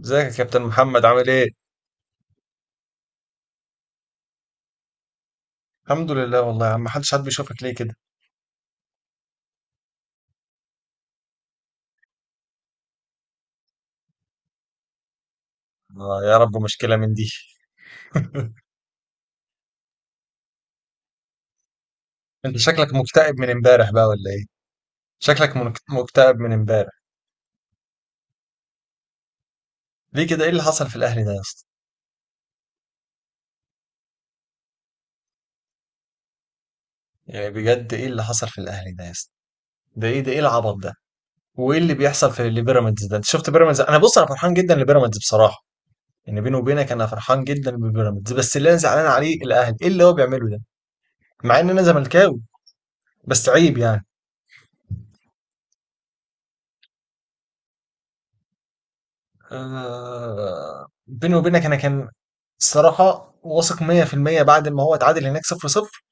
ازيك يا كابتن محمد عامل ايه؟ الحمد لله والله يا عم محدش حد بيشوفك ليه كده؟ آه يا رب مشكلة من دي. انت شكلك مكتئب من امبارح بقى ولا ايه؟ شكلك مكتئب من امبارح. ليه كده، ايه اللي حصل في الاهلي ده يا اسطى؟ يعني بجد ايه اللي حصل في الاهلي ده يا اسطى؟ ده ايه، ده ايه العبط ده؟ وايه اللي بيحصل في اللي بيراميدز ده؟ انت شفت بيراميدز؟ انا بص، انا فرحان جدا لبيراميدز بصراحة. يعني بيني وبينك انا فرحان جدا ببيراميدز، بس اللي انا زعلان عليه الاهلي، ايه اللي هو بيعمله ده؟ مع ان انا زملكاوي، بس عيب يعني. آه، بيني وبينك انا كان الصراحة واثق 100% بعد ما هو اتعادل هناك 0-0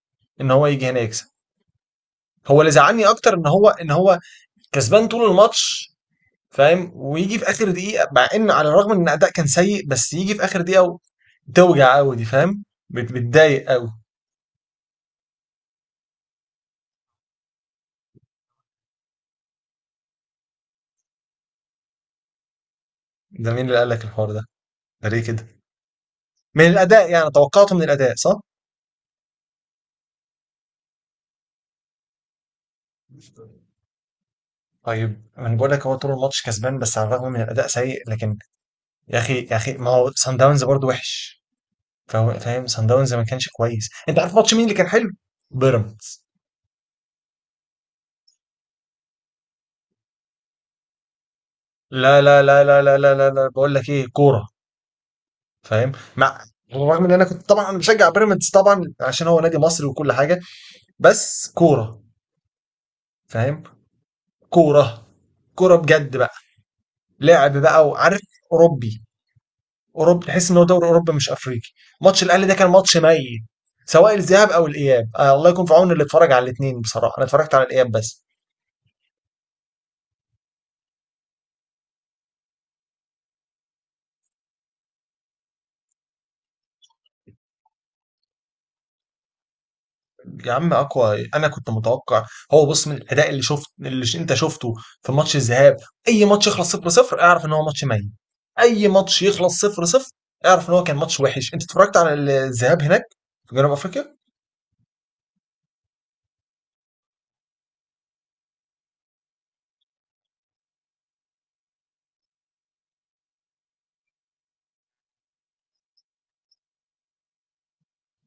ان هو يجي هنا يكسب. هو اللي زعلني اكتر ان هو ان هو كسبان طول الماتش، فاهم؟ ويجي في اخر دقيقة، مع ان على الرغم ان الاداء كان سيء، بس يجي في اخر دقيقة و- توجع قوي دي، فاهم؟ بتضايق قوي. ده مين اللي قال لك الحوار ده؟ ده ليه كده؟ من الاداء يعني، توقعته من الاداء، صح. طيب انا بقول لك، هو طول الماتش كسبان بس على الرغم من الاداء سيء، لكن يا اخي، يا اخي، ما هو سان داونز برضه وحش. فهو فاهم، صن داونز ما كانش كويس. انت عارف ماتش مين اللي كان حلو؟ بيراميدز. لا، لا، لا، لا، لا، لا، لا، لا. بقول لك ايه، كوره، فاهم؟ مع، رغم ان انا كنت طبعا بشجع بيراميدز طبعا عشان هو نادي مصري وكل حاجه، بس كوره، فاهم؟ كوره، كوره بجد بقى، لعب بقى وعارف، اوروبي. اوروبي، تحس ان هو دوري اوروبي مش افريقي. ماتش الاهلي ده كان ماتش ميت، سواء الذهاب او الاياب. آه، الله يكون في عون اللي اتفرج على الاثنين، بصراحه انا اتفرجت على الاياب بس. يا عم اقوى، انا كنت متوقع. هو بص، من الاداء اللي شفت، اللي انت شفته في ماتش الذهاب، اي ماتش يخلص 0 0 اعرف ان هو ماتش ميت. اي ماتش يخلص 0 0 اعرف ان هو كان ماتش وحش. انت اتفرجت على الذهاب هناك في جنوب افريقيا؟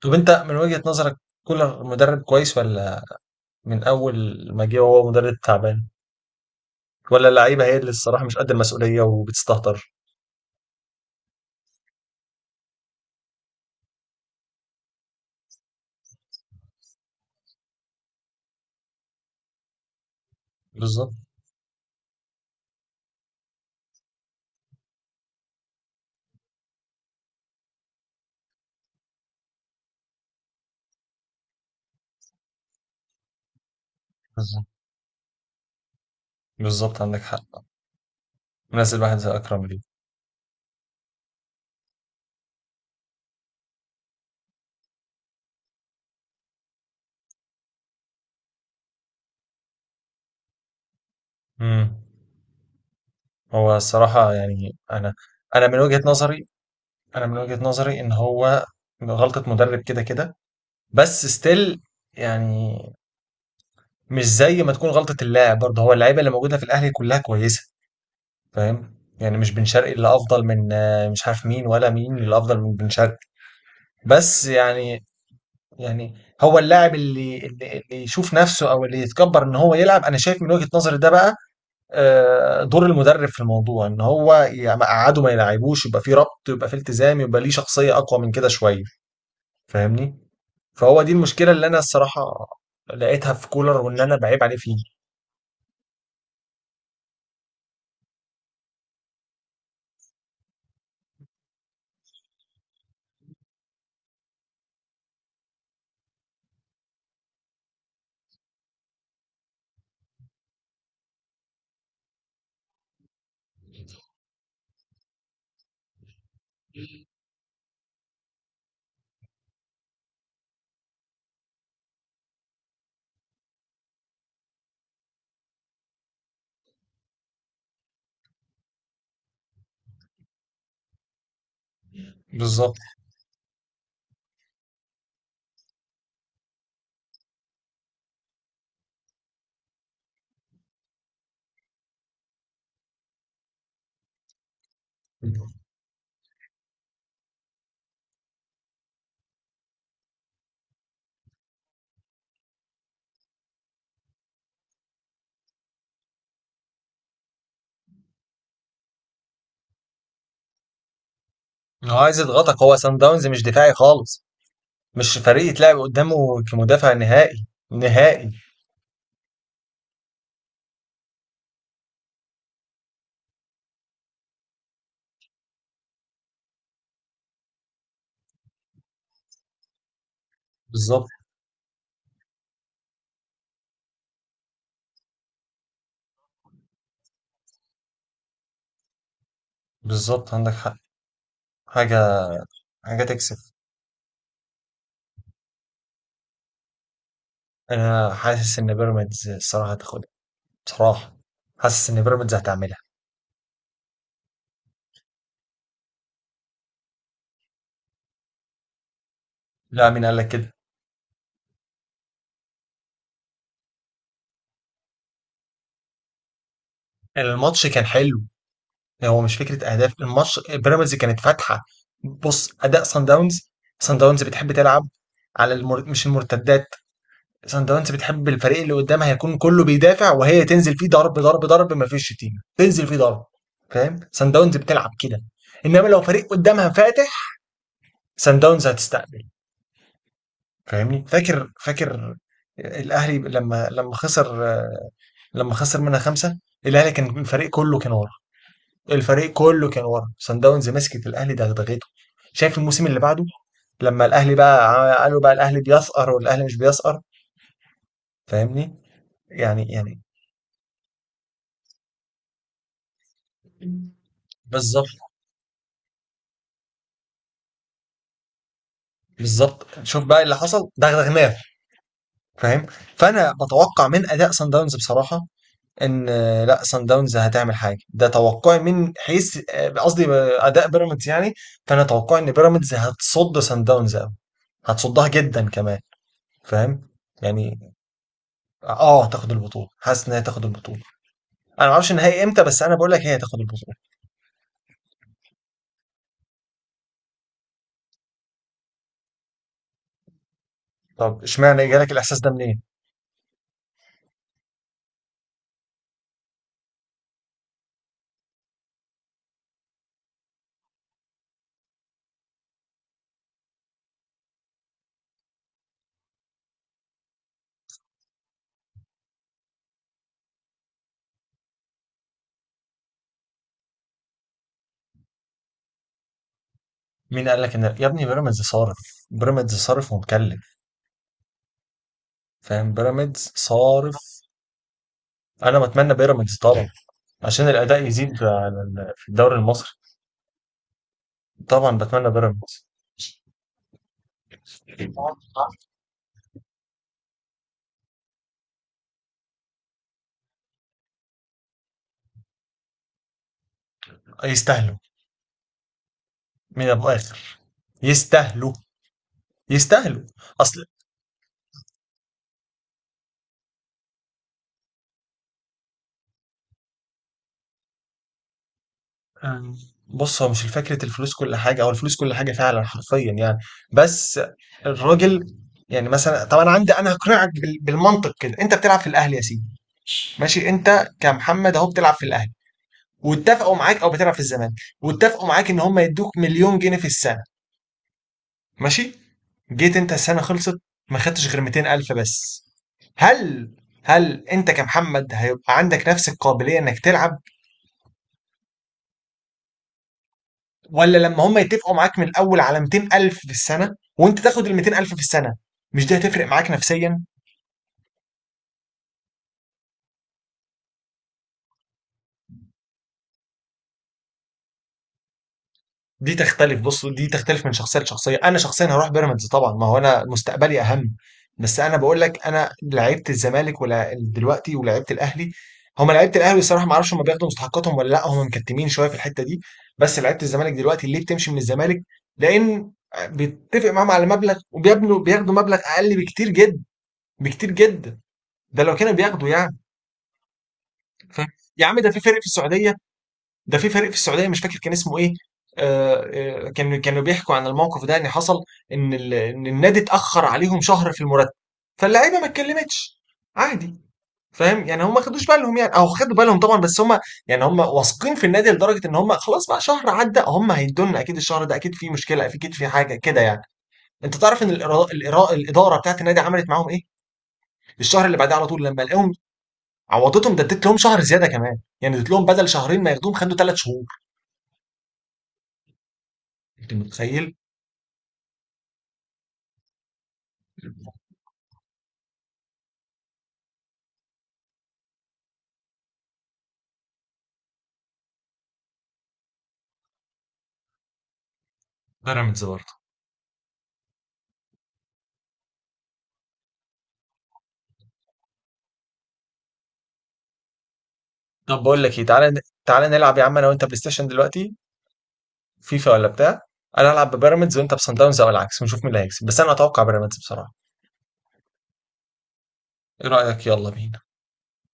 طب انت من وجهة نظرك، كولر مدرب كويس، ولا من اول ما جه وهو مدرب تعبان، ولا اللعيبه هي اللي الصراحه مش قد المسؤوليه وبتستهتر؟ بالظبط. بالظبط. بالظبط عندك حق، منزل واحد زي اكرم ليه. امم هو الصراحه يعني انا، انا من وجهة نظري، انا من وجهة نظري ان هو غلطة مدرب كده كده، بس ستيل يعني مش زي ما تكون غلطة اللاعب. برضه هو اللعيبة اللي موجودة في الاهلي كلها كويسة، فاهم يعني؟ مش بن شرقي اللي افضل من مش عارف مين، ولا مين اللي افضل من بن شرقي. بس يعني، يعني هو اللاعب اللي يشوف نفسه او اللي يتكبر ان هو يلعب، انا شايف من وجهة نظري ده بقى، آه، دور المدرب في الموضوع ان هو يقعده ما يلعبوش، يبقى في ربط، يبقى في التزام، يبقى ليه شخصية اقوى من كده شوية، فاهمني؟ فهو دي المشكلة اللي أنا الصراحة لقيتها في كولر، وإن أنا بعيب عليه فيه. بالظبط. هو عايز يضغطك، هو سان داونز مش دفاعي خالص، مش فريق يتلعب قدامه كمدافع نهائي نهائي. بالظبط. بالظبط عندك حق. حاجة، حاجة تكسف. أنا حاسس إن بيراميدز الصراحة هتاخدها، بصراحة. حاسس إن بيراميدز هتعملها. لا، مين قال لك كده؟ الماتش كان حلو. هو مش فكره اهداف، الماتش بيراميدز كانت فاتحه. بص اداء سان داونز، سان داونز بتحب تلعب على مش المرتدات. سان داونز بتحب الفريق اللي قدامها يكون كله بيدافع وهي تنزل فيه ضرب ضرب ضرب، ما فيش شتيمه تنزل فيه ضرب، فاهم؟ سان داونز بتلعب كده. انما لو فريق قدامها فاتح، سان داونز هتستقبل، فاهمني؟ فاكر، فاكر الاهلي لما خسر، لما خسر منها 5؟ الاهلي كان الفريق كله كان ورا، الفريق كله كان ورا، سان داونز مسكت الاهلي دغدغته. شايف الموسم اللي بعده، لما الاهلي بقى قالوا بقى الاهلي بيسقر، والاهلي مش بيسقر، فاهمني؟ يعني، يعني بالظبط. بالظبط، شوف بقى اللي حصل، دغدغناه، فاهم؟ فانا بتوقع من اداء سان داونز بصراحه ان، آه، لا سان داونز هتعمل حاجه، ده توقعي من حيث، آه، قصدي، آه، اداء بيراميدز يعني. فانا توقعي ان بيراميدز هتصد سان داونز قوي، هتصدها جدا كمان، فاهم؟ يعني اه، هتاخد البطولة، حاسس ان هي تاخد البطولة. انا ما اعرفش النهائي امتى، بس انا بقول لك هي تاخد البطولة. طب اشمعنى جالك الاحساس ده منين؟ مين قال لك ان يا ابني، بيراميدز صارف، بيراميدز صارف ومكلف، فاهم؟ بيراميدز صارف. انا بتمنى بيراميدز طبعا عشان الاداء يزيد على في الدوري المصري. طبعا بتمنى بيراميدز، يستاهلوا من ابو اخر، يستاهلوا، يستاهلوا. اصل، آه، بص هو مش فكرة الفلوس كل حاجة، أو الفلوس كل حاجة فعلا حرفيا يعني، بس الراجل يعني، مثلا طب أنا عندي، أنا هقنعك بالمنطق كده. أنت بتلعب في الأهلي يا سيدي، ماشي؟ أنت كمحمد أهو بتلعب في الأهلي، واتفقوا معاك، أو بتلعب في الزمالك واتفقوا معاك إن هم يدوك 1,000,000 جنيه في السنة، ماشي؟ جيت أنت، السنة خلصت، ما خدتش غير 200000 بس. هل، هل أنت كمحمد هيبقى عندك نفس القابلية إنك تلعب؟ ولا لما هم يتفقوا معاك من الاول على 200000 في السنه، وانت تاخد ال 200000 في السنه، مش دي هتفرق معاك نفسيا؟ دي تختلف، بص دي تختلف من شخصيه لشخصيه. انا شخصيا هروح بيراميدز طبعا، ما هو انا مستقبلي اهم. بس انا بقول لك، انا لعيبه الزمالك ولا دلوقتي ولعيبه الاهلي، هم لعيبه الاهلي الصراحه ما اعرفش هم بياخدوا مستحقاتهم ولا لا، هم مكتمين شويه في الحته دي. بس لعيبه الزمالك دلوقتي ليه بتمشي من الزمالك؟ لان بيتفق معاهم على مبلغ، وبيبنوا بياخدوا مبلغ اقل بكتير جدا، بكتير جدا، ده لو كانوا بياخدوا يعني. فاهم؟ يا عم ده في فريق في السعوديه، ده في فريق في السعوديه مش فاكر كان اسمه ايه. آه، آه، كانوا بيحكوا عن الموقف ده ان حصل، ان إن النادي اتاخر عليهم شهر في المرتب، فاللعيبه ما اتكلمتش، عادي، فاهم يعني؟ هم ما خدوش بالهم يعني، او خدوا بالهم طبعا بس هم يعني، هم واثقين في النادي لدرجه ان هم خلاص بقى شهر عدى، هم هيدونا اكيد الشهر ده، اكيد في مشكله، اكيد في حاجه كده يعني. انت تعرف ان الاداره بتاعت النادي عملت معاهم ايه؟ الشهر اللي بعديه على طول لما لقاهم، عوضتهم، ده اديت لهم شهر زياده كمان، يعني اديت لهم بدل 2 شهور ما ياخدوهم خدوا 3 شهور. انت متخيل؟ بيراميدز برضه. طب بقول لك ايه، تعالى تعالى نلعب يا عم انا وانت بلاي ستيشن دلوقتي، فيفا ولا بتاع. انا العب ببيراميدز وانت بسان داونز، او العكس، ونشوف مين اللي هيكسب، بس انا اتوقع بيراميدز بصراحة. ايه رأيك؟ يلا بينا.